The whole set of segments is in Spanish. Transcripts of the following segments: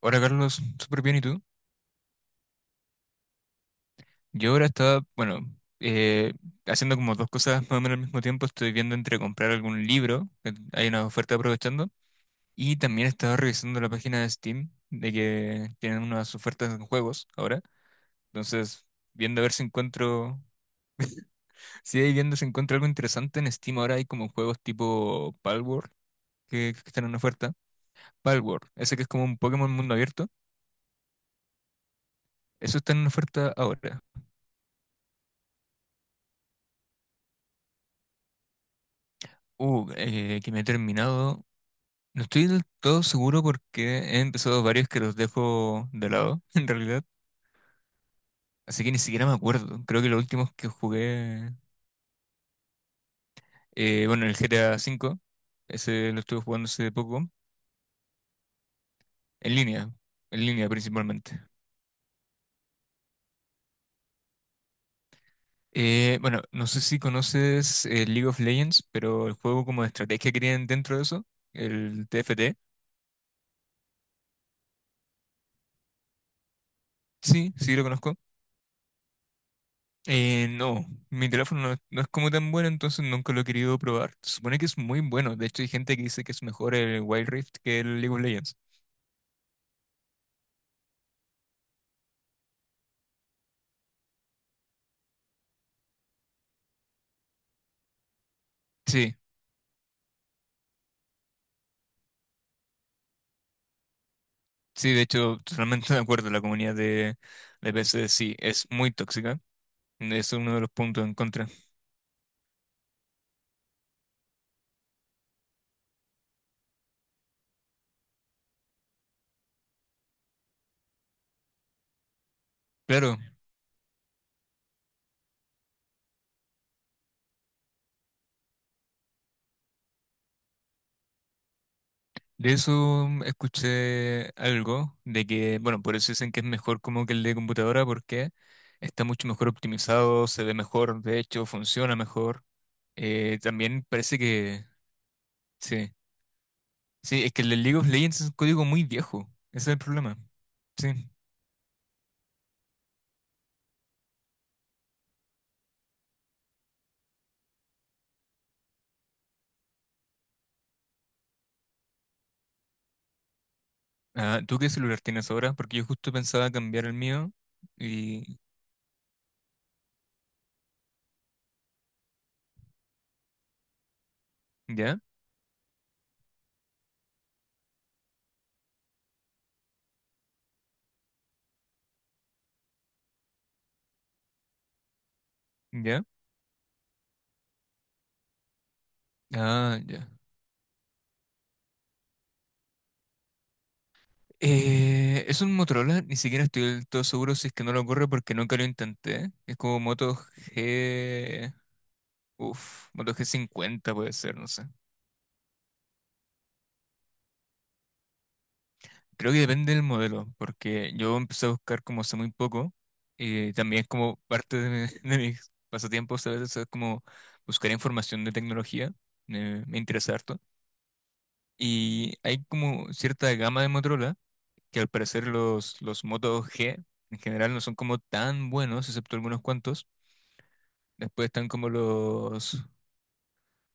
Hola Carlos, súper bien, ¿y tú? Yo ahora estaba, bueno, eh, haciendo como dos cosas más o menos al mismo tiempo. Estoy viendo entre comprar algún libro, que hay una oferta aprovechando, y también estaba revisando la página de Steam, de que tienen unas ofertas en juegos ahora. Entonces, viendo a ver si encuentro, si ahí viendo si encuentro algo interesante en Steam ahora hay como juegos tipo Palworld, que están en oferta. Palworld, ese que es como un Pokémon mundo abierto, eso está en oferta ahora. Que me he terminado. No estoy del todo seguro porque he empezado varios que los dejo de lado, en realidad. Así que ni siquiera me acuerdo. Creo que los últimos que jugué, bueno, el GTA cinco, ese lo estuve jugando hace poco, en línea, en línea principalmente. Bueno, no sé si conoces League of Legends, pero el juego como de estrategia que tienen dentro de eso, el TFT, sí, sí lo conozco. No, mi teléfono no, es no es como tan bueno, entonces nunca lo he querido probar. Se supone que es muy bueno. De hecho, hay gente que dice que es mejor el Wild Rift que el League of Legends. Sí, sí, de hecho, totalmente de acuerdo. La comunidad de PC sí es muy tóxica. Es uno de los puntos en contra. Claro, de eso escuché algo de que, bueno, por eso dicen que es mejor como que el de computadora porque está mucho mejor optimizado, se ve mejor, de hecho, funciona mejor. También parece que... Sí. Sí, es que el League of Legends es un código muy viejo. Ese es el problema. Sí. Ah, ¿tú qué celular tienes ahora? Porque yo justo pensaba cambiar el mío y... ¿Ya? ¿Ya? Ah, ya. Es un Motorola, ni siquiera estoy del todo seguro si es que no lo corre porque nunca lo intenté. Es como Moto G... Uf, Moto G50 puede ser, no sé. Creo que depende del modelo, porque yo empecé a buscar como hace muy poco, y también es como parte de, de mis pasatiempos a veces es como buscar información de tecnología, me interesa harto, y hay como cierta gama de Motorola, que al parecer los Moto G en general no son como tan buenos, excepto algunos cuantos, después están como los,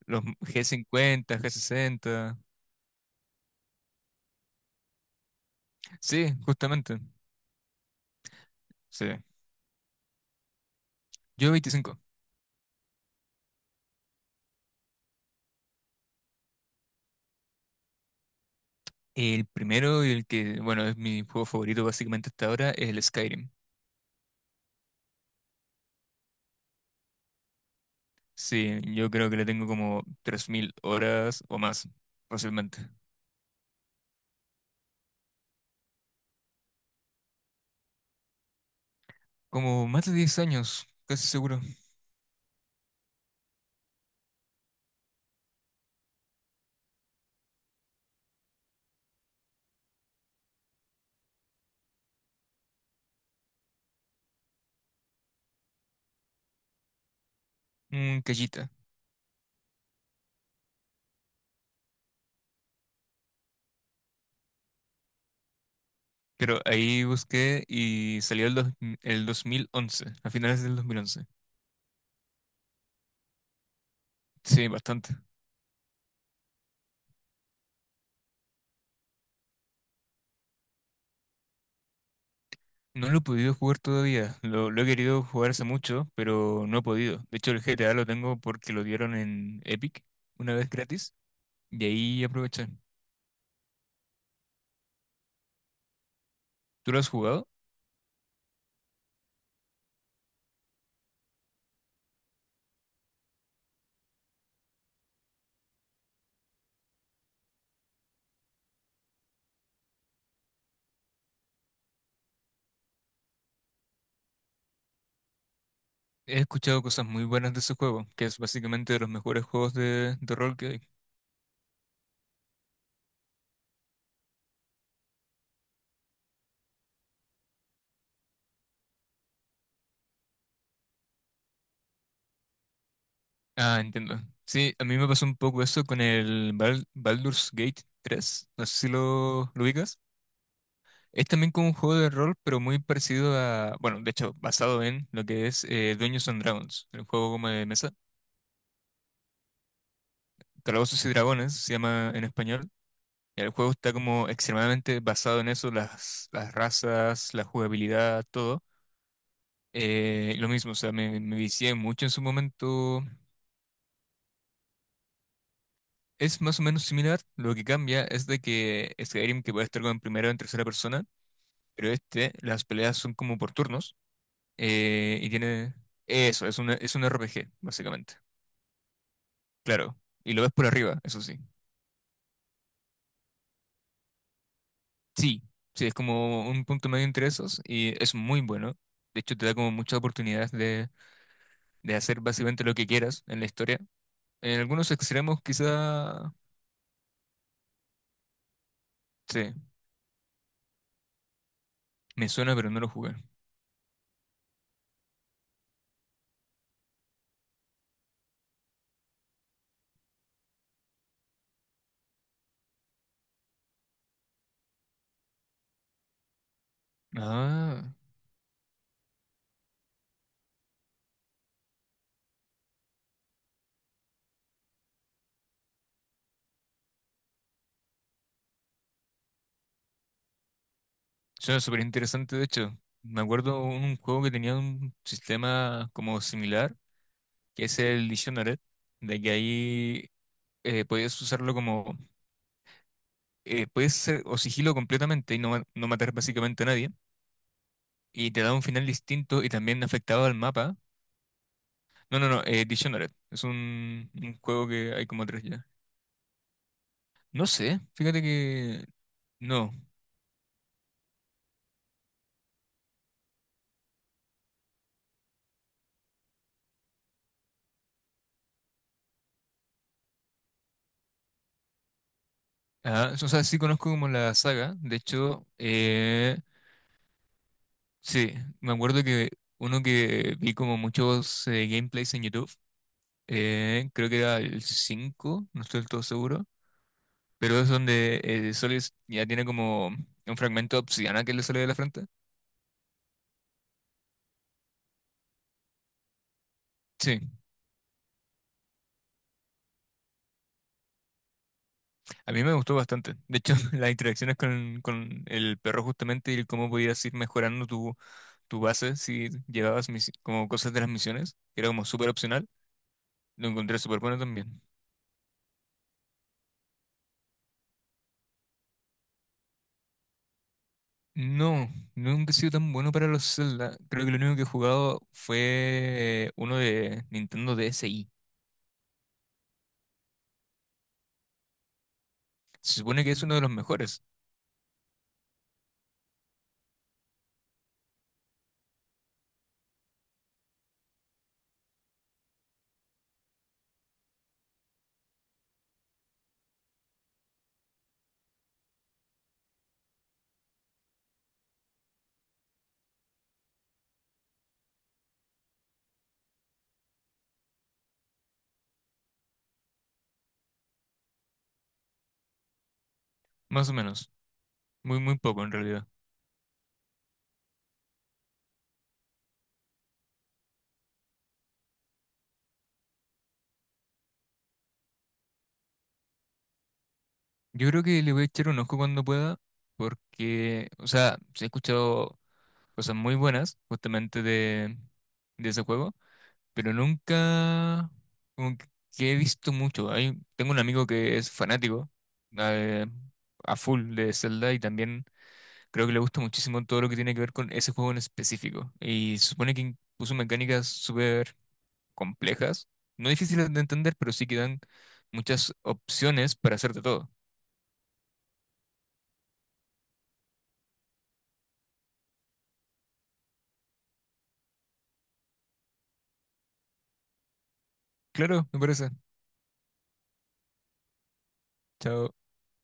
los G50, G60, sí, justamente, sí, yo 25. El primero y el que, bueno, es mi juego favorito básicamente hasta ahora es el Skyrim. Sí, yo creo que le tengo como 3.000 horas o más, fácilmente. Como más de 10 años, casi seguro. Un callita. Pero ahí busqué y salió el 2011, a finales del 2011. Sí, bastante. No lo he podido jugar todavía. Lo he querido jugar hace mucho, pero no he podido. De hecho, el GTA lo tengo porque lo dieron en Epic una vez gratis y ahí aproveché. ¿Tú lo has jugado? He escuchado cosas muy buenas de ese juego, que es básicamente de los mejores juegos de rol que hay. Ah, entiendo. Sí, a mí me pasó un poco eso con el Baldur's Gate 3. No sé si lo ubicas. Es también como un juego de rol, pero muy parecido a, bueno, de hecho, basado en lo que es Dungeons and Dragons, el juego como de mesa. Calabozos y Dragones se llama en español. El juego está como extremadamente basado en eso, las razas, la jugabilidad, todo. Lo mismo, o sea, me vicié mucho en su momento. Es más o menos similar, lo que cambia es de que Skyrim que puede estar con primera o en tercera persona, pero este, las peleas son como por turnos, y tiene eso, es un RPG, básicamente. Claro, y lo ves por arriba, eso sí. Sí, sí, es como un punto medio entre esos, y es muy bueno. De hecho, te da como muchas oportunidades de hacer básicamente lo que quieras en la historia. En algunos extremos quizá, sí, me suena, pero no lo jugué. Ah. Suena súper interesante, de hecho. Me acuerdo un juego que tenía un sistema como similar, que es el Dishonored, de que ahí podías usarlo como, puedes ser o sigilo completamente y no, no matar básicamente a nadie, y te da un final distinto y también afectado al mapa. No, Dictionary. Es un juego que hay como tres ya. No sé, fíjate que no. Ah, o sea, sí conozco como la saga, de hecho, sí, me acuerdo que uno que vi como muchos gameplays en YouTube, creo que era el 5, no estoy del todo seguro, pero es donde Solis ya tiene como un fragmento de obsidiana que le sale de la frente. Sí, a mí me gustó bastante. De hecho, las interacciones con el perro justamente y cómo podías ir mejorando tu, tu base si llevabas como cosas de las misiones, que era como súper opcional, lo encontré súper bueno también. No, nunca he sido tan bueno para los Zelda. Creo que lo único que he jugado fue uno de Nintendo DSi. Se supone que es uno de los mejores, más o menos. Muy, muy poco en realidad. Yo creo que le voy a echar un ojo cuando pueda, porque, o sea, sí he escuchado cosas muy buenas justamente de ese juego, pero nunca como que he visto mucho. Hay, tengo un amigo que es fanático eh, a full de Zelda y también creo que le gusta muchísimo todo lo que tiene que ver con ese juego en específico. Y se supone que puso mecánicas súper complejas, no difíciles de entender, pero sí que dan muchas opciones para hacerte todo. Claro, me parece. Chao.